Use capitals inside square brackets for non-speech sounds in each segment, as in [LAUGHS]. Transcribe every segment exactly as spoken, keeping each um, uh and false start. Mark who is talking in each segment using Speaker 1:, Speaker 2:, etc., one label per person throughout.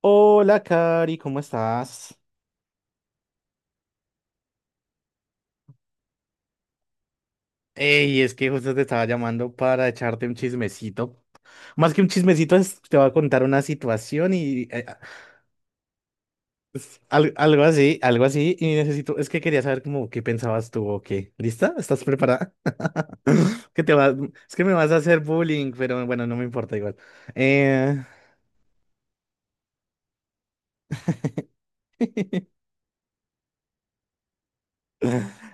Speaker 1: Hola, Cari, ¿cómo estás? Ey, es que justo te estaba llamando para echarte un chismecito. Más que un chismecito, es- te voy a contar una situación y eh, al- algo así, algo así. Y necesito, es que quería saber como qué pensabas tú o qué. ¿Lista? ¿Estás preparada? [LAUGHS] Que te vas, es que me vas a hacer bullying, pero bueno, no me importa igual. Eh, [LAUGHS]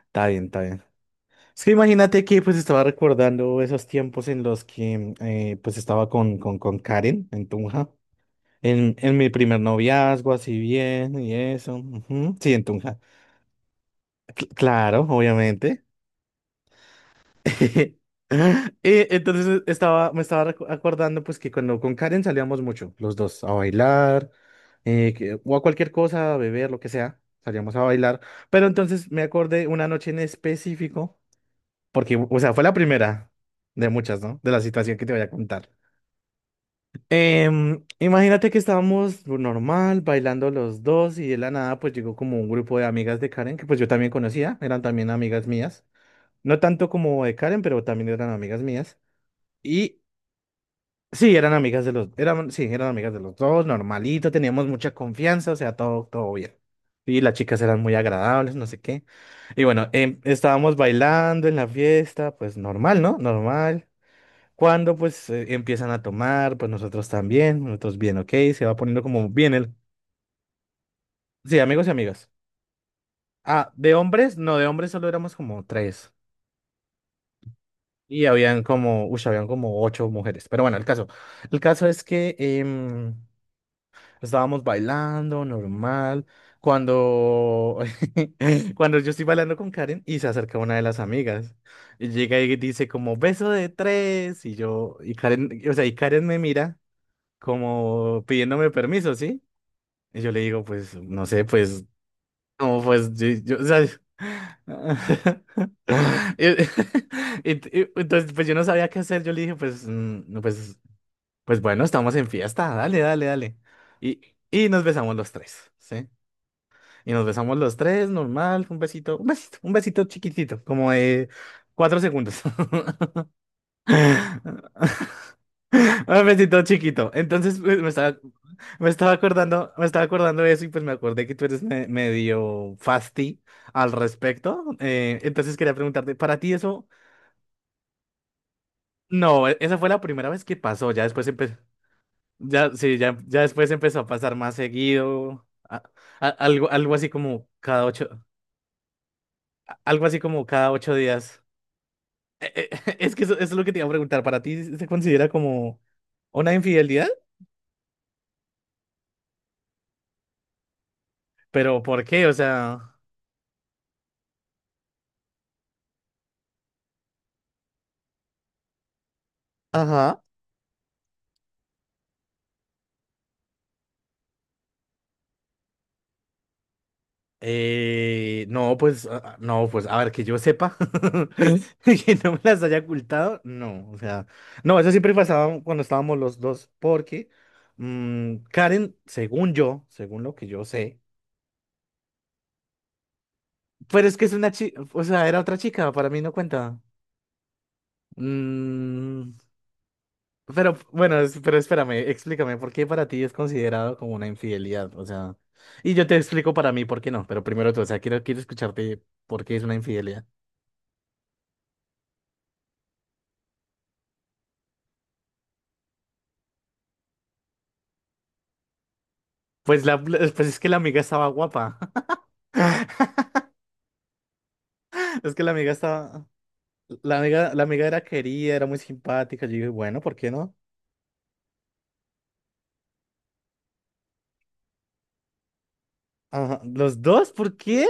Speaker 1: Está bien, está bien. Es que imagínate que pues estaba recordando esos tiempos en los que eh, pues estaba con, con, con Karen en Tunja. En, en mi primer noviazgo, así bien, y eso. Ujú. Sí, entonces, cl- claro, obviamente. [LAUGHS] Eh, entonces estaba, me estaba recu- acordando pues que cuando con Karen salíamos mucho, los dos, a bailar, eh, que- o a cualquier cosa, a beber, lo que sea, salíamos a bailar. Pero entonces me acordé una noche en específico, porque, o sea, fue la primera de muchas, ¿no? De la situación que te voy a contar. Em, imagínate que estábamos normal, bailando los dos y de la nada pues llegó como un grupo de amigas de Karen que pues yo también conocía, eran también amigas mías, no tanto como de Karen, pero también eran amigas mías. Y sí, eran amigas de los, eran, sí, eran amigas de los dos, normalito, teníamos mucha confianza, o sea, todo, todo bien. Y las chicas eran muy agradables, no sé qué. Y bueno, em, estábamos bailando en la fiesta, pues normal, ¿no? Normal. Cuando pues eh, empiezan a tomar, pues nosotros también, nosotros bien, ok, se va poniendo como bien el. Sí, amigos y amigas. Ah, de hombres, no, de hombres solo éramos como tres. Y habían como, uy, habían como ocho mujeres. Pero bueno, el caso. El caso es que em, estábamos bailando, normal. Cuando, [LAUGHS] Cuando yo estoy bailando con Karen y se acerca una de las amigas. Y llega y dice como, beso de tres. Y yo, y Karen, o sea, y Karen me mira como pidiéndome permiso, ¿sí? Y yo le digo, pues, no sé, pues, no, pues, yo, yo, o sea, [LAUGHS] y- [LAUGHS] y- y- entonces, pues yo no sabía qué hacer. Yo le dije, pues, mm, no, pues, pues bueno, estamos en fiesta, dale, dale, dale. Y, y nos besamos los tres, ¿sí? Y nos besamos los tres, normal, un besito, un besito, un besito chiquitito, como de cuatro segundos. [LAUGHS] [LAUGHS] Un besito chiquito. Entonces, pues, me estaba, me estaba acordando, me estaba acordando, de eso y pues me acordé que tú eres me- medio fasti al respecto. Eh, entonces quería preguntarte, ¿para ti eso? No, e- esa fue la primera vez que pasó. Ya después empezó, ya, sí, ya, ya después empezó a pasar más seguido. a- a- algo, algo así como cada ocho, a- algo así como cada ocho días. Eh, eh, [LAUGHS] es que eso, eso es lo que te iba a preguntar. ¿Para ti se considera como una infidelidad? ¿Pero por qué? O sea, ajá. Eh, no, pues, ah, ah, no, pues, a ver, que yo sepa [LAUGHS] que no me las haya ocultado, no, o sea, no, eso siempre pasaba cuando estábamos los dos, porque mm, Karen, según yo, según lo que yo sé, pero es que es una chica, o sea, era otra chica, para mí no cuenta. Mm, pero bueno, es- pero espérame, explícame, ¿por qué para ti es considerado como una infidelidad? O sea, y yo te explico para mí por qué no, pero primero tú, o sea, quiero, quiero escucharte por qué es una infidelidad. Pues, la, pues es que la amiga estaba guapa. [LAUGHS] Es que la amiga estaba. La amiga, la amiga era querida, era muy simpática. Yo dije, bueno, ¿por qué no? Ajá. ¿Los dos? ¿Por qué?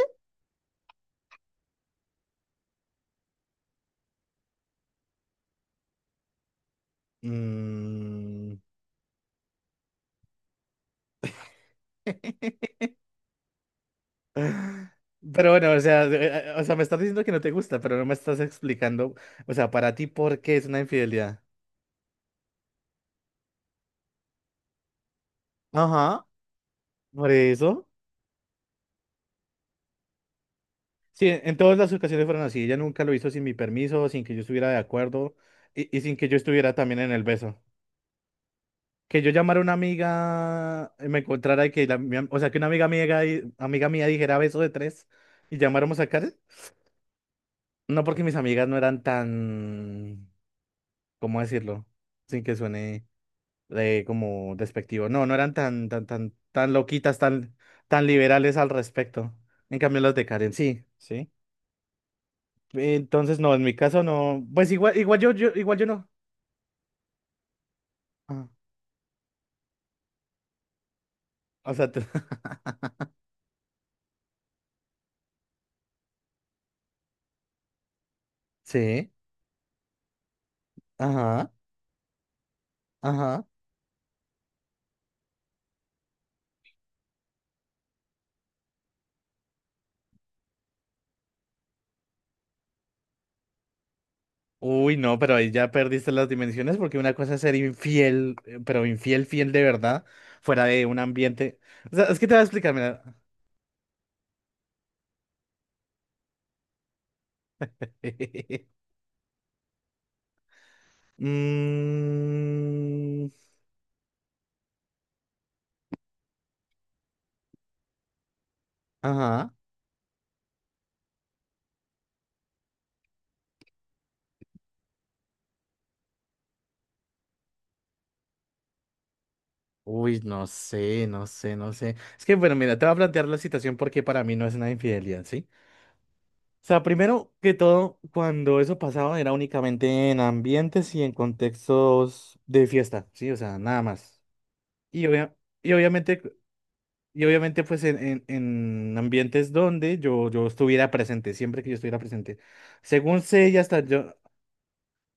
Speaker 1: Mm. [LAUGHS] Pero bueno, o sea, eh, eh, o sea, me estás diciendo que no te gusta, pero no me estás explicando, o sea, para ti, ¿por qué es una infidelidad? Ajá, por eso. Sí, en en todas las ocasiones fueron así. Ella nunca lo hizo sin mi permiso, sin que yo estuviera de acuerdo y, y sin que yo estuviera también en el beso. Que yo llamara a una amiga, eh, me encontrara y que la, mi am- o sea, que una amiga mía, di- amiga mía dijera beso de tres y llamáramos a Karen. No porque mis amigas no eran tan, ¿cómo decirlo? Sin que suene eh, como despectivo. No, no eran tan, tan, tan, tan loquitas, tan, tan liberales al respecto. En cambio, las de Karen sí, sí. Entonces, no, en mi caso no. Pues igual, igual yo, yo, igual yo no. Ah, o sea, tú- [LAUGHS] sí, ajá, ajá. Uy, no, pero ahí ya perdiste las dimensiones porque una cosa es ser infiel, eh, pero infiel, fiel de verdad, fuera de un ambiente. O sea, es que te voy a explicar, mira. [LAUGHS] Mm, ajá. Uy, no sé, no sé, no sé. Es que, bueno, mira, te voy a plantear la situación porque para mí no es una infidelidad, ¿sí? O sea, primero que todo, cuando eso pasaba era únicamente en ambientes y en contextos de fiesta, ¿sí? O sea, nada más. Y, obvia- y obviamente. Y obviamente pues en, en- en ambientes donde yo, yo estuviera presente, siempre que yo estuviera presente. Según sé y hasta yo,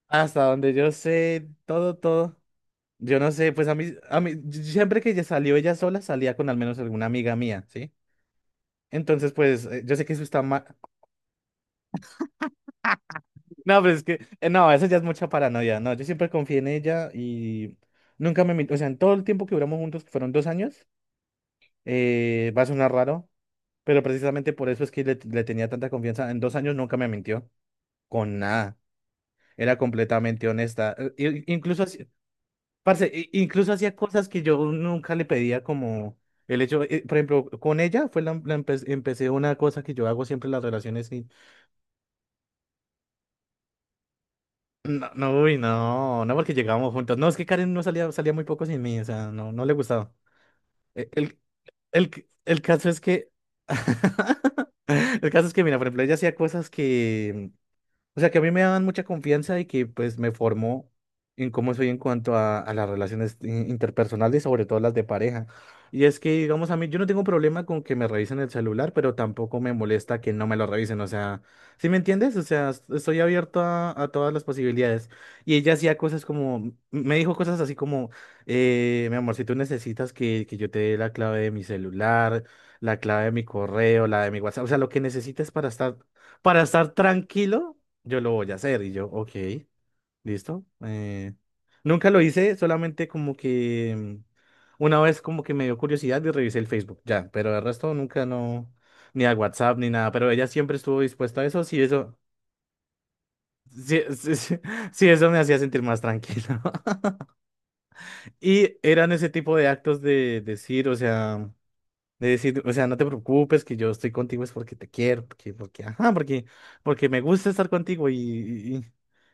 Speaker 1: hasta donde yo sé, todo, todo. Yo no sé, pues a mí, a mí, yo- siempre que ella salió ella sola, salía con al menos alguna amiga mía, ¿sí? Entonces pues eh, yo sé que eso está mal. [LAUGHS] No, pero es que, eh, no, eso ya es mucha paranoia, no, yo siempre confié en ella y nunca me, min- o sea, en todo el tiempo que duramos juntos, que fueron dos años, eh, va a sonar raro. Pero precisamente por eso es que le, le tenía tanta confianza. En dos años nunca me mintió con nada. Era completamente honesta. Eh, i- Incluso, hacía- parce, i- incluso hacía cosas que yo nunca le pedía como el hecho, eh, por ejemplo, con ella fue la, la empe- empecé una cosa que yo hago siempre en las relaciones y no, no, uy, no, no porque llegábamos juntos. No, es que Karen no salía, salía muy poco sin mí, o sea, no, no le gustaba. Eh, El, el, c- el caso es que. [LAUGHS] El caso es que, mira, por ejemplo, ella hacía cosas que, o sea, que a mí me daban mucha confianza y que pues me formó en cómo soy en cuanto a, a las relaciones in- interpersonales, sobre todo las de pareja. Y es que, digamos, a mí yo no tengo problema con que me revisen el celular, pero tampoco me molesta que no me lo revisen. O sea, ¿sí me entiendes? O sea, es- estoy abierto a, a todas las posibilidades. Y ella hacía cosas como, me dijo cosas así como, eh, mi amor, si tú necesitas que, que yo te dé la clave de mi celular, la clave de mi correo, la de mi WhatsApp, o sea, lo que necesites para estar, para estar, tranquilo yo lo voy a hacer. Y yo, ok, listo. Eh, nunca lo hice, solamente como que mm, una vez como que me dio curiosidad y revisé el Facebook, ya, pero el resto nunca no, ni a WhatsApp ni nada, pero ella siempre estuvo dispuesta a eso, si eso, si, si- si- si [LAUGHS] eso me hacía sentir más tranquilo. [LAUGHS] Y eran ese tipo de actos de decir, o sea. De decir, o sea, no te preocupes que yo estoy contigo es porque te quiero, porque, porque, ajá, porque, porque me gusta estar contigo y,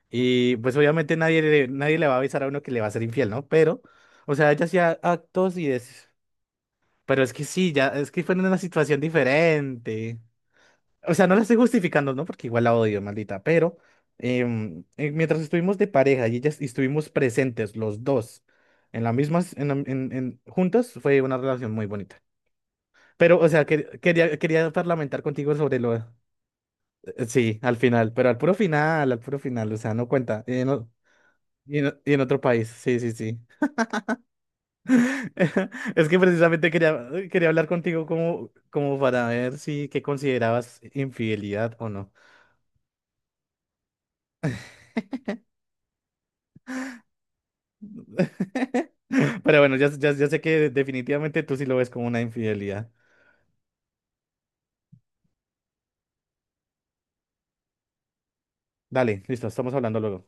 Speaker 1: y, y, y, pues obviamente nadie le, nadie le va a avisar a uno que le va a ser infiel, ¿no? Pero, o sea, ella hacía actos y es, pero es que sí, ya, es que fue en una situación diferente. O sea, no la estoy justificando, ¿no? Porque igual la odio, maldita, pero em, eh, mientras estuvimos de pareja y ellas y estuvimos presentes los dos en la misma, en, la- en, en- juntos, fue una relación muy bonita. Pero, o sea, que- quería, quería parlamentar contigo sobre lo. eh, Sí, al final, pero al puro final, al puro final, o sea, no cuenta. Y en, o- y en, o- y en otro país, sí, sí, sí. [LAUGHS] Es que precisamente quería, quería hablar contigo como, como para ver si qué considerabas infidelidad o no. [LAUGHS] Pero bueno, ya, ya, ya sé que definitivamente tú sí lo ves como una infidelidad. Dale, listo, estamos hablando luego.